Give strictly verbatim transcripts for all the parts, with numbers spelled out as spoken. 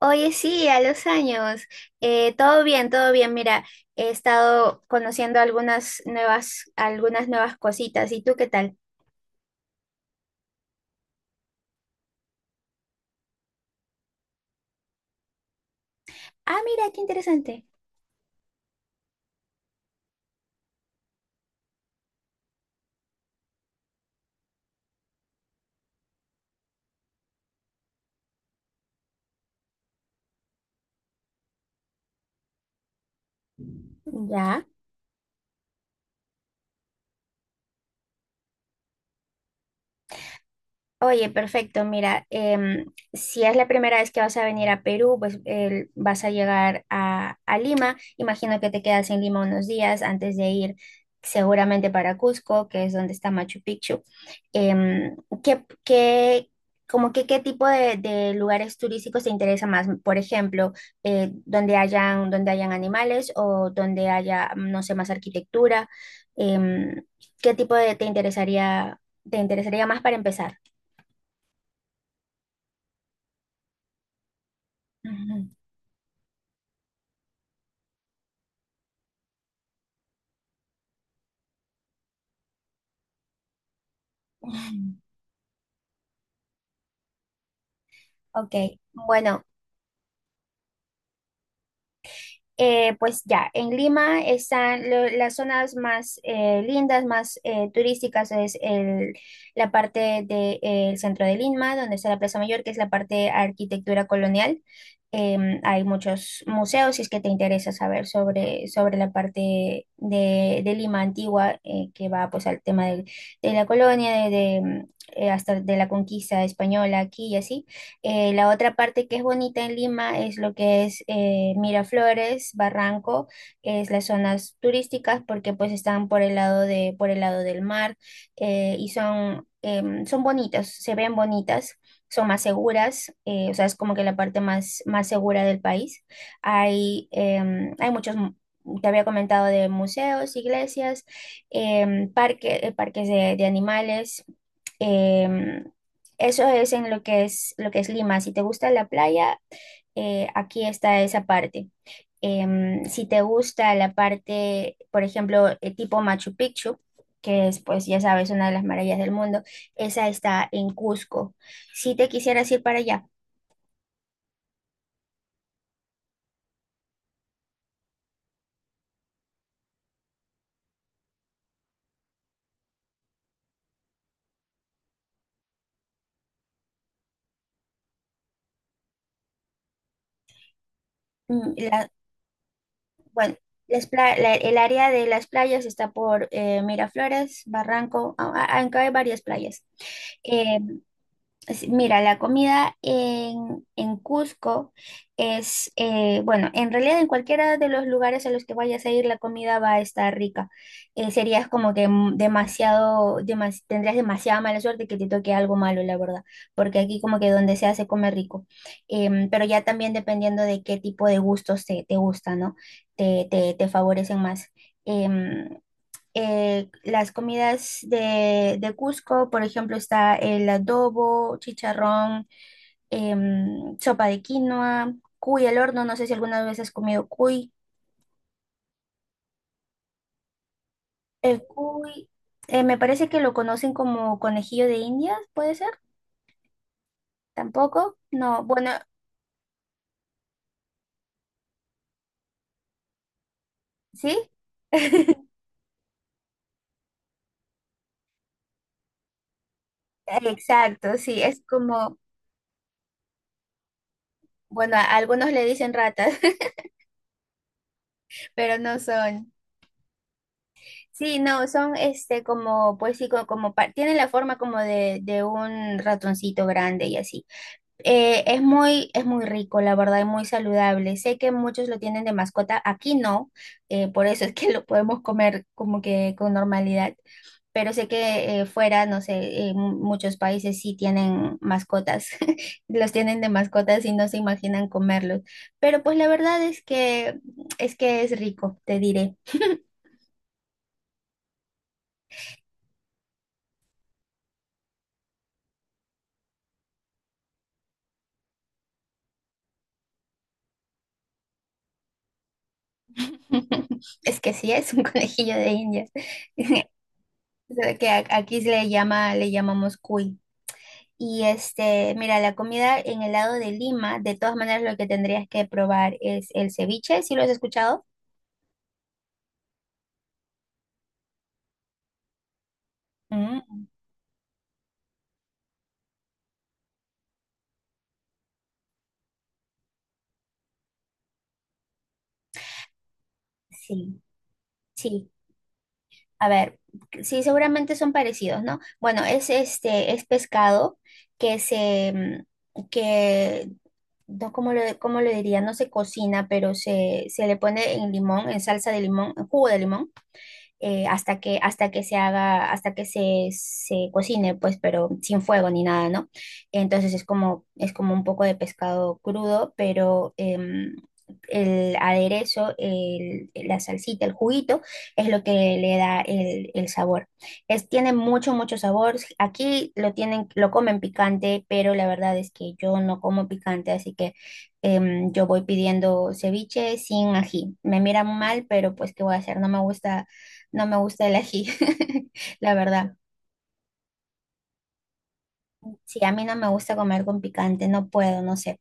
Oye, sí, a los años. Eh, todo bien, todo bien. Mira, he estado conociendo algunas nuevas, algunas nuevas cositas. ¿Y tú qué tal? Ah, mira, qué interesante. Ya. Oye, perfecto. Mira, em, si es la primera vez que vas a venir a Perú, pues el- vas a llegar a, a Lima. Imagino que te quedas en Lima unos días antes de ir seguramente para Cusco, que es donde está Machu Picchu. Em, ¿qué, qué- Como que qué tipo de, de lugares turísticos te interesa más? Por ejemplo, eh, donde hayan, donde hayan animales o donde haya, no sé, más arquitectura. Em, ¿qué tipo de te interesaría, te interesaría más para empezar? Ujú. Ok, bueno, eh, pues ya, en Lima están lo- las zonas más eh, lindas, más eh, turísticas, es el- la parte del centro de Lima, donde está la Plaza Mayor, que es la parte de arquitectura colonial. Em, hay muchos museos, si es que te interesa saber sobre, sobre la parte de, de Lima antigua, eh, que va pues al tema del- de, la colonia, de, de, mm, eh, hasta de la conquista española aquí y así. Eh, la otra parte que es bonita en Lima es lo que es eh, Miraflores, Barranco, que es las zonas turísticas porque pues están por el lado de, por el lado del mar eh, y son, em, son bonitas, se ven bonitas. Son más seguras, eh, o sea, es como que la parte más, más segura del país. Hay, em, hay muchos, mu- te había comentado, de museos, iglesias, em, parque- eh, parques de, de animales, em, eso es en lo que es, lo que es Lima. Si te gusta la playa, eh, aquí está esa parte. Em, si te gusta la parte, por ejemplo, eh, tipo Machu Picchu, que es, pues ya sabes, una de las maravillas del mundo, esa está en Cusco. Si te quisieras ir para allá, mm, la- bueno, las pla- la- el área de las playas está por eh, Miraflores, Barranco, a- a- aunque hay varias playas. Eh, es- Mira, la comida en, en Cusco es, eh, bueno, en realidad en cualquiera de los lugares a los que vayas a ir, la comida va a estar rica. Eh, serías como que m- demasiado, demas- tendrías demasiada mala suerte que te toque algo malo, la verdad, porque aquí como que donde sea se come rico. Em, pero ya también dependiendo de qué tipo de gustos te, te gusta, ¿no? Te, te, te favorecen más. Em, eh, las comidas de, de Cusco, por ejemplo, está el adobo, chicharrón, em, sopa de quinoa, cuy al horno, no sé si alguna vez has comido cuy. El cuy, eh, me parece que lo conocen como conejillo de Indias, ¿puede ser? Tampoco, no, bueno, ¿sí? Exacto, sí, es como, bueno, a algunos le dicen ratas, pero no son. Sí, no, son este como, pues sí, co- como, pa- tienen la forma como de, de un ratoncito grande y así. Eh, es muy, es muy rico, la verdad, y muy saludable. Sé que muchos lo tienen de mascota, aquí no, eh, por eso es que lo podemos comer como que con normalidad, pero sé que eh, fuera, no sé, en muchos países sí tienen mascotas, los tienen de mascotas y no se imaginan comerlos. Pero pues la verdad es que, es que es rico, te diré. Es que sí, es un conejillo de Indias. Solo que a- aquí se le llama, le llamamos cuy. Y este, mira, la comida en el lado de Lima, de todas maneras lo que tendrías que probar es el ceviche, ¿sí lo has escuchado? Mm. Sí, sí. A ver, sí, seguramente son parecidos, ¿no? Bueno, es este, es pescado que se, mm, que, no, ¿cómo lo, cómo lo diría? No se cocina, pero se, se le pone en limón, en salsa de limón, en jugo de limón eh, hasta que, hasta que se haga, hasta que se, se cocine, pues, pero sin fuego ni nada, ¿no? Entonces es como, es como un poco de pescado crudo, pero em, el aderezo, el- la salsita, el juguito, es lo que le da el, el sabor. Es, tiene mucho, mucho sabor. Aquí lo tienen, lo comen picante, pero la verdad es que yo no como picante, así que em, yo voy pidiendo ceviche sin ají. Me miran mal, pero pues, ¿qué voy a hacer? No me gusta no me gusta el ají, la verdad. Sí, a mí no me gusta comer con picante, no puedo, no sé.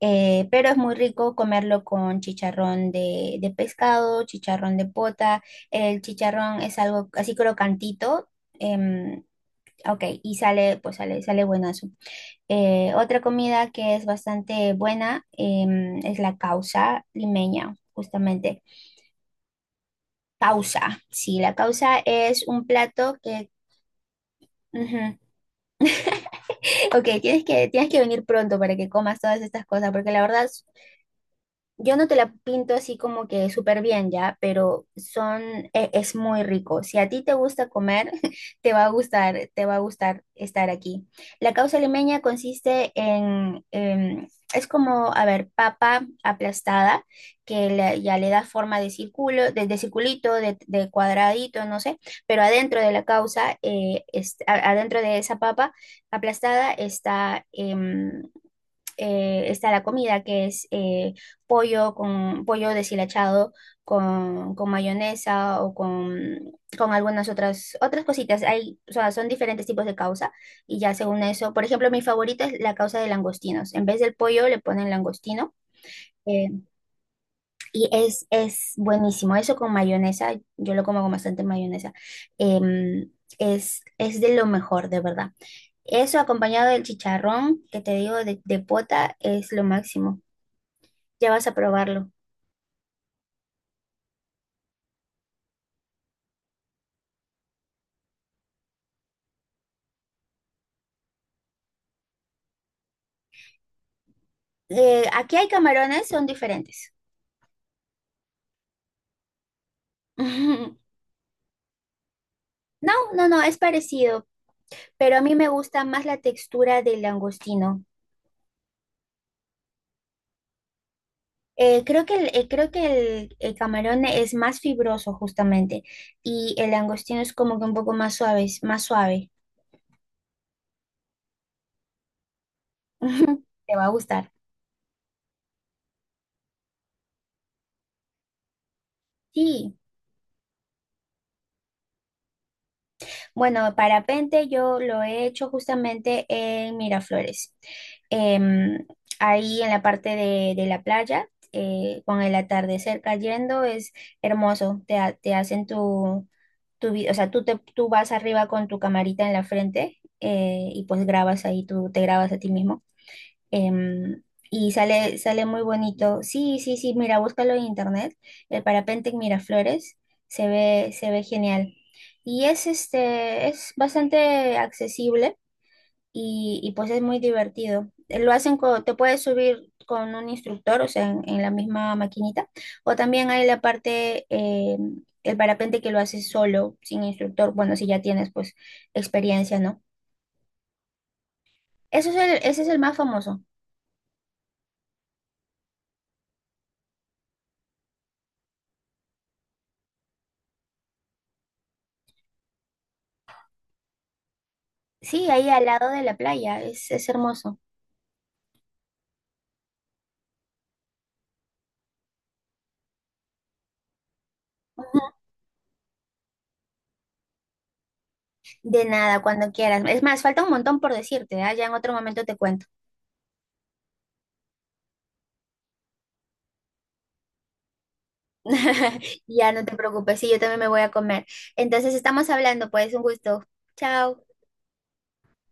Eh, pero es muy rico comerlo con chicharrón de, de pescado, chicharrón de pota. El chicharrón es algo así crocantito. em, ok, y sale, pues sale, sale buenazo. Eh, otra comida que es bastante buena em, es la causa limeña, justamente. Causa, sí, la causa es un plato que... ujú, ok, tienes que, tienes que venir pronto para que comas todas estas cosas, porque la verdad s- yo no te la pinto así como que súper bien ya, pero son, e- es muy rico. Si a ti te gusta comer, te va a gustar, te va a gustar estar aquí. La causa limeña consiste en, em, es como, a ver, papa aplastada, que le- ya le da forma de círculo, de, de circulito, de, de cuadradito, no sé, pero adentro de la causa, eh, es- a- adentro de esa papa aplastada está em, eh, está la comida, que es eh, pollo con pollo deshilachado con, con mayonesa o con, con algunas otras, otras cositas. Hay, o sea, son diferentes tipos de causa y ya según eso, por ejemplo, mi favorita es la causa de langostinos. En vez del pollo le ponen langostino. eh, y es, es buenísimo. Eso con mayonesa, yo lo como con bastante mayonesa. em, es, es de lo mejor, de verdad. Eso acompañado del chicharrón, que te digo, de, de pota, es lo máximo ya vas a probarlo. Eh, aquí hay camarones, son diferentes. No, no, no, es parecido, pero a mí me gusta más la textura del langostino. Eh, creo que el, eh, creo que el, el camarón es más fibroso justamente y el langostino es como que un poco más suave, es más suave. Te va a gustar. Sí. Bueno, parapente yo lo he hecho justamente en Miraflores. Em, ahí en la parte de, de la playa, eh, con el atardecer cayendo, es hermoso. Te, ha- te hacen tu, tu, vi- o sea, tú, te, tú vas arriba con tu camarita en la frente eh, y pues grabas ahí, tú te grabas a ti mismo em, y sale, sale muy bonito. Sí, sí, sí, mira, búscalo en internet. El parapente en Miraflores se ve, se ve genial. Y es este, es bastante accesible y, y, pues es muy divertido. Eh, Lo hacen co- te puedes subir con un instructor, o sea, en, en la misma maquinita, o también hay la parte, eh, el parapente que lo haces solo, sin instructor, bueno, si ya tienes pues experiencia, ¿no? Eso es el, ese es el más famoso. Sí, ahí al lado de la playa, es, es hermoso. Ujú. De nada, cuando quieras. Es más, falta un montón por decirte, ¿ah? Ya en otro momento te cuento. Ya no te preocupes, sí, yo también me voy a comer. Entonces estamos hablando, pues, un gusto. Chao.